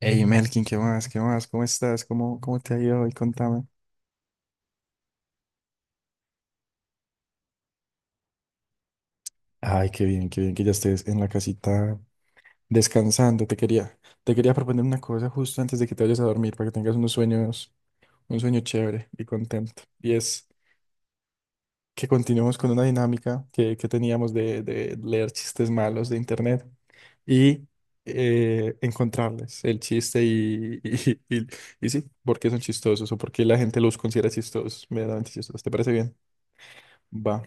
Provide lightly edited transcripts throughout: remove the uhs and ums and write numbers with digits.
Hey Melkin, ¿qué más? ¿Qué más? ¿Cómo estás? ¿Cómo, cómo te ha ido hoy? Contame. Ay, qué bien que ya estés en la casita descansando. Te quería proponer una cosa justo antes de que te vayas a dormir para que tengas unos sueños, un sueño chévere y contento. Y es que continuemos con una dinámica que teníamos de leer chistes malos de internet y encontrarles el chiste y, y sí, por qué son chistosos o por qué la gente los considera chistosos, medianamente chistosos. ¿Te parece bien? Va.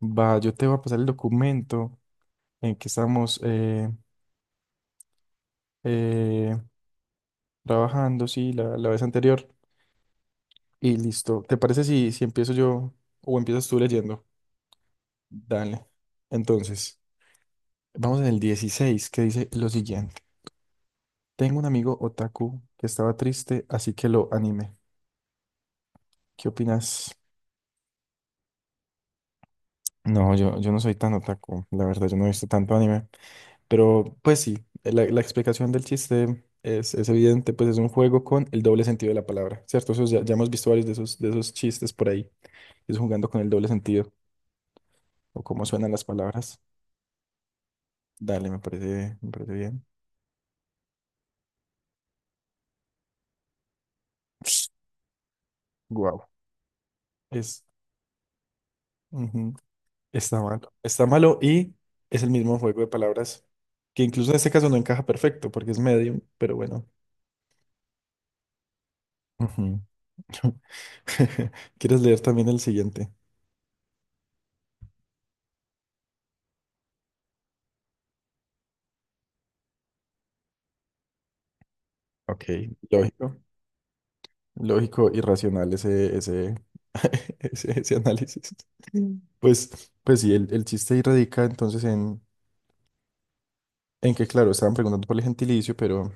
Va, yo te voy a pasar el documento en que estamos eh, trabajando, sí, la vez anterior. Y listo. ¿Te parece si empiezo yo o empiezas tú leyendo? Dale. Entonces, vamos en el 16 que dice lo siguiente. Tengo un amigo otaku que estaba triste, así que lo animé. ¿Qué opinas? No, yo no soy tan otaku, la verdad, yo no he visto tanto anime. Pero pues sí, la explicación del chiste es evidente, pues es un juego con el doble sentido de la palabra, ¿cierto? Eso ya hemos visto varios de esos chistes por ahí, es jugando con el doble sentido o cómo suenan las palabras. Dale, me parece bien. Guau. Es, ujú, está malo. Está malo y es el mismo juego de palabras que incluso en este caso no encaja perfecto porque es medium, pero bueno. Ujú. ¿Quieres leer también el siguiente? Ok, lógico. Lógico, irracional ese análisis. Mm. Pues, pues sí, el chiste ahí radica entonces en que, claro, estaban preguntando por el gentilicio, pero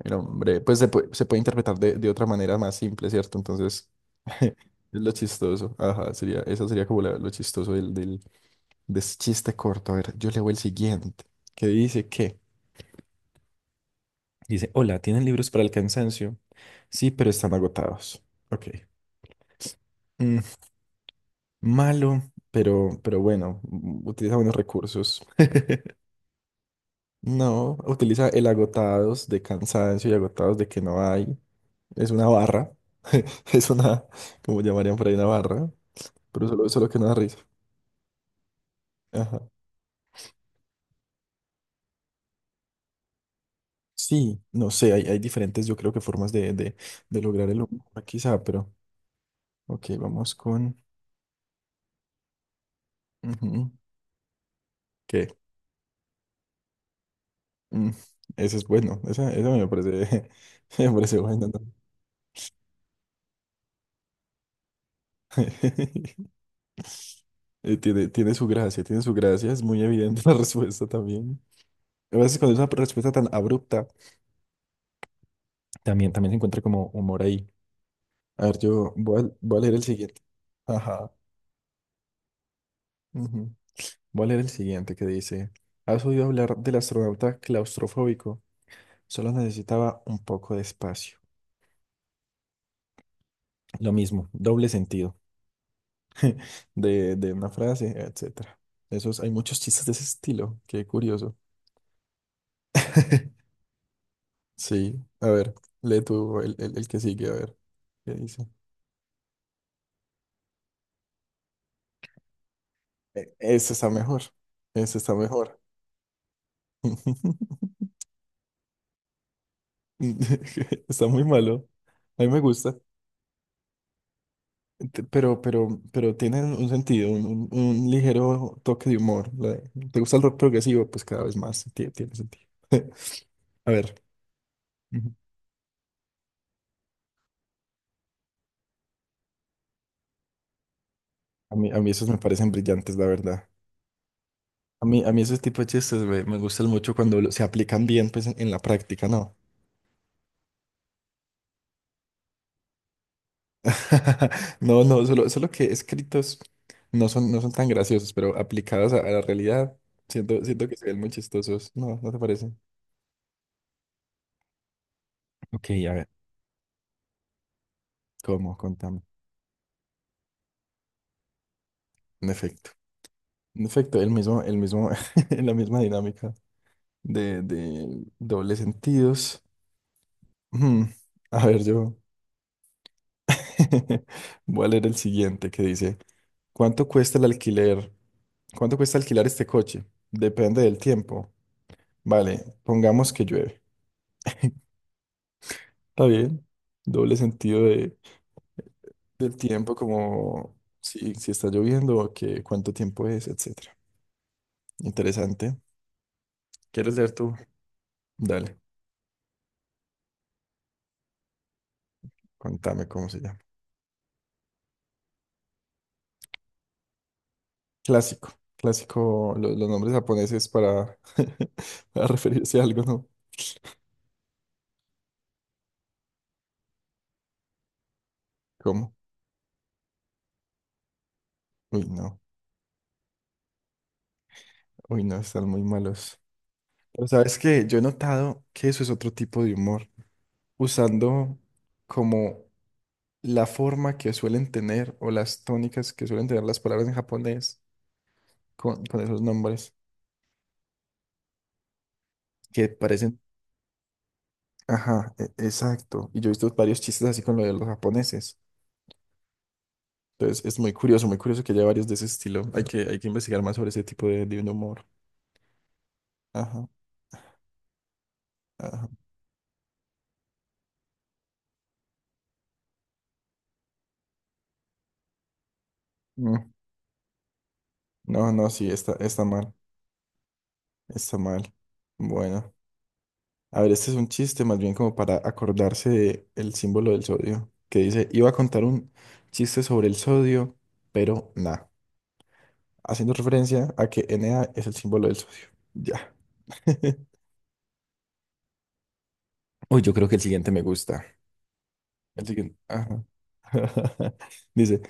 el hombre, pues se puede interpretar de otra manera más simple, ¿cierto? Entonces, es lo chistoso. Ajá, sería, eso sería como la- lo chistoso de ese chiste corto. A ver, yo leo el siguiente, que, dice, hola, ¿tienen libros para el cansancio? Sí, pero están agotados. Ok. Malo, pero bueno, utiliza buenos recursos. No, utiliza el agotados de cansancio y agotados de que no hay. Es una barra. Es una, como llamarían por ahí, una barra. Pero solo que no da risa. Ajá. Sí, no sé, hay diferentes, yo creo que formas de lograr el humor, quizá, pero. Ok, vamos con. Ujú, ¿qué? Mm, ese es bueno. Esa me parece, me parece bueno. Tiene su gracia, es muy evidente la respuesta también. A veces cuando es una respuesta tan abrupta, también se encuentra como humor ahí. A ver, voy a leer el siguiente. Ajá. Ujú. Voy a leer el siguiente que dice, ¿has oído hablar del astronauta claustrofóbico? Solo necesitaba un poco de espacio. Lo mismo, doble sentido de una frase, etcétera. Esos, hay muchos chistes de ese estilo, qué curioso. Sí, a ver, lee tú el que sigue, a ver. ¿Qué dice? E- Ese está mejor. Ese está mejor. Está muy malo. A mí me gusta. Te- pero tiene un sentido, un ligero toque de humor. La- ¿Te gusta el rock progresivo? Pues cada vez más sentido. A ver, ujú. A mí esos me parecen brillantes, la verdad. A mí esos tipos de chistes me gustan mucho cuando lo- se aplican bien pues, en la práctica, ¿no? No, no, solo, solo que escritos no son, no son tan graciosos, pero aplicados a la realidad, siento que se ven muy chistosos. No, ¿no te parece? Ok, a ver, ¿cómo? Contame. En efecto. En efecto, el mismo, la misma dinámica de dobles sentidos. Mm, a ver, yo voy a leer el siguiente que dice, ¿cuánto cuesta el alquiler? ¿Cuánto cuesta alquilar este coche? Depende del tiempo. Vale, pongamos que llueve. Está bien. Doble sentido del tiempo, como si está lloviendo o que, cuánto tiempo es, etcétera. Interesante. ¿Quieres leer tú? Dale, contame cómo se llama. Clásico. Clásico, lo- los nombres japoneses para, para referirse a algo, ¿no? ¿Cómo? Uy, no. Uy, no, están muy malos. Pero sabes que yo he notado que eso es otro tipo de humor, usando como la forma que suelen tener o las tónicas que suelen tener las palabras en japonés con esos nombres que parecen... Ajá, e- exacto. Y yo he visto varios chistes así con lo de los japoneses. Entonces es muy curioso que haya varios de ese estilo. Hay que investigar más sobre ese tipo de humor. Ajá, ajá. Mm, No, no, sí, está, está mal, está mal. Bueno, a ver, este es un chiste más bien como para acordarse de el símbolo del sodio, que dice, iba a contar un chiste sobre el sodio, pero nada, haciendo referencia a que Na es el símbolo del sodio. Ya. Uy, yo creo que el siguiente me gusta. El siguiente. Ajá. Dice,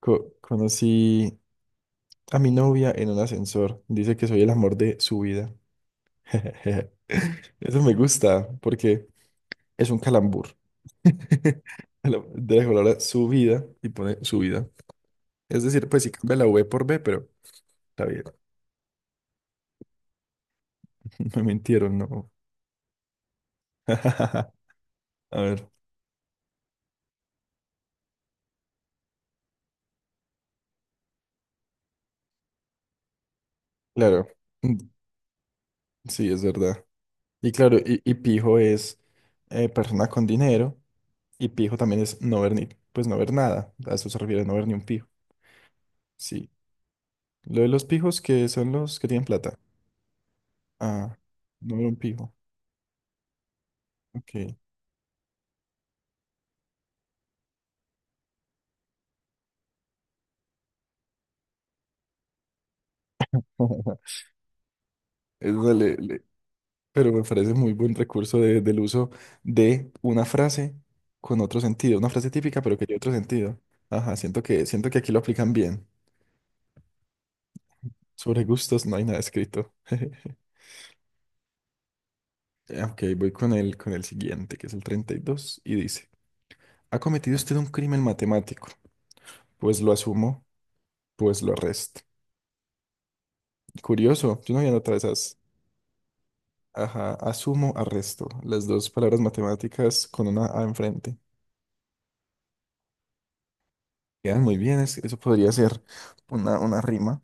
"Co- conocí a mi novia en un ascensor. Dice que soy el amor de su vida. Eso me gusta porque es un calambur. De la palabra su vida y pone su vida. Es decir, pues sí cambia la V por B, pero está bien. Me mintieron, no. A ver, claro. Mm, sí, es verdad. Y claro, y pijo es persona con dinero. Y pijo también es no ver ni, pues no ver nada. A eso se refiere, no ver ni un pijo. Sí. Lo de los pijos que son los que tienen plata. Ah, no ver un pijo. Ok. Eso le- le- Pero me parece muy buen recurso de- del uso de una frase con otro sentido. Una frase típica, pero que tiene otro sentido. Ajá, siento que aquí lo aplican bien. Sobre gustos no hay nada escrito. Ok, voy con con el siguiente, que es el 32 y dice, ¿ha cometido usted un crimen matemático? Pues lo asumo, pues lo arresto. Curioso, yo no había notado esas. Ajá, asumo, arresto. Las dos palabras matemáticas con una A enfrente. Quedan muy bien, es- eso podría ser una rima.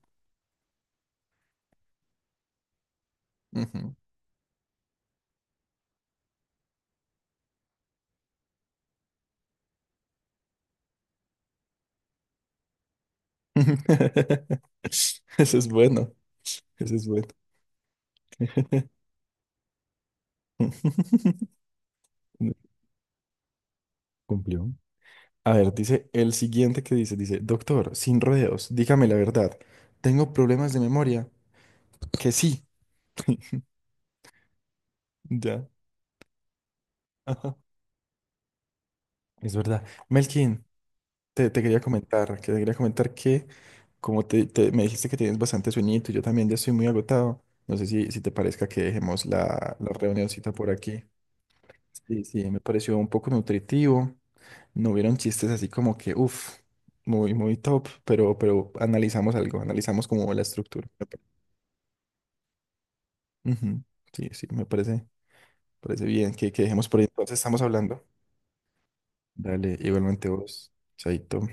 Ujú. Eso es bueno, eso es bueno. Cumplió. A ver, dice el siguiente que dice, dice, doctor, sin rodeos, dígame la verdad, ¿tengo problemas de memoria? Que sí. Ya. Ajá. Es verdad. Melkin, que te quería comentar que como me dijiste que tienes bastante sueñito, yo también ya estoy muy agotado. No sé si te parezca que dejemos la reunioncita por aquí. Sí, sí, me pareció un poco nutritivo. No hubieron chistes así como que, uff, muy top, pero analizamos algo, analizamos como la estructura. Ujú, sí, sí, me parece, parece bien que dejemos por ahí. Entonces estamos hablando. Dale, igualmente vos, Chaito.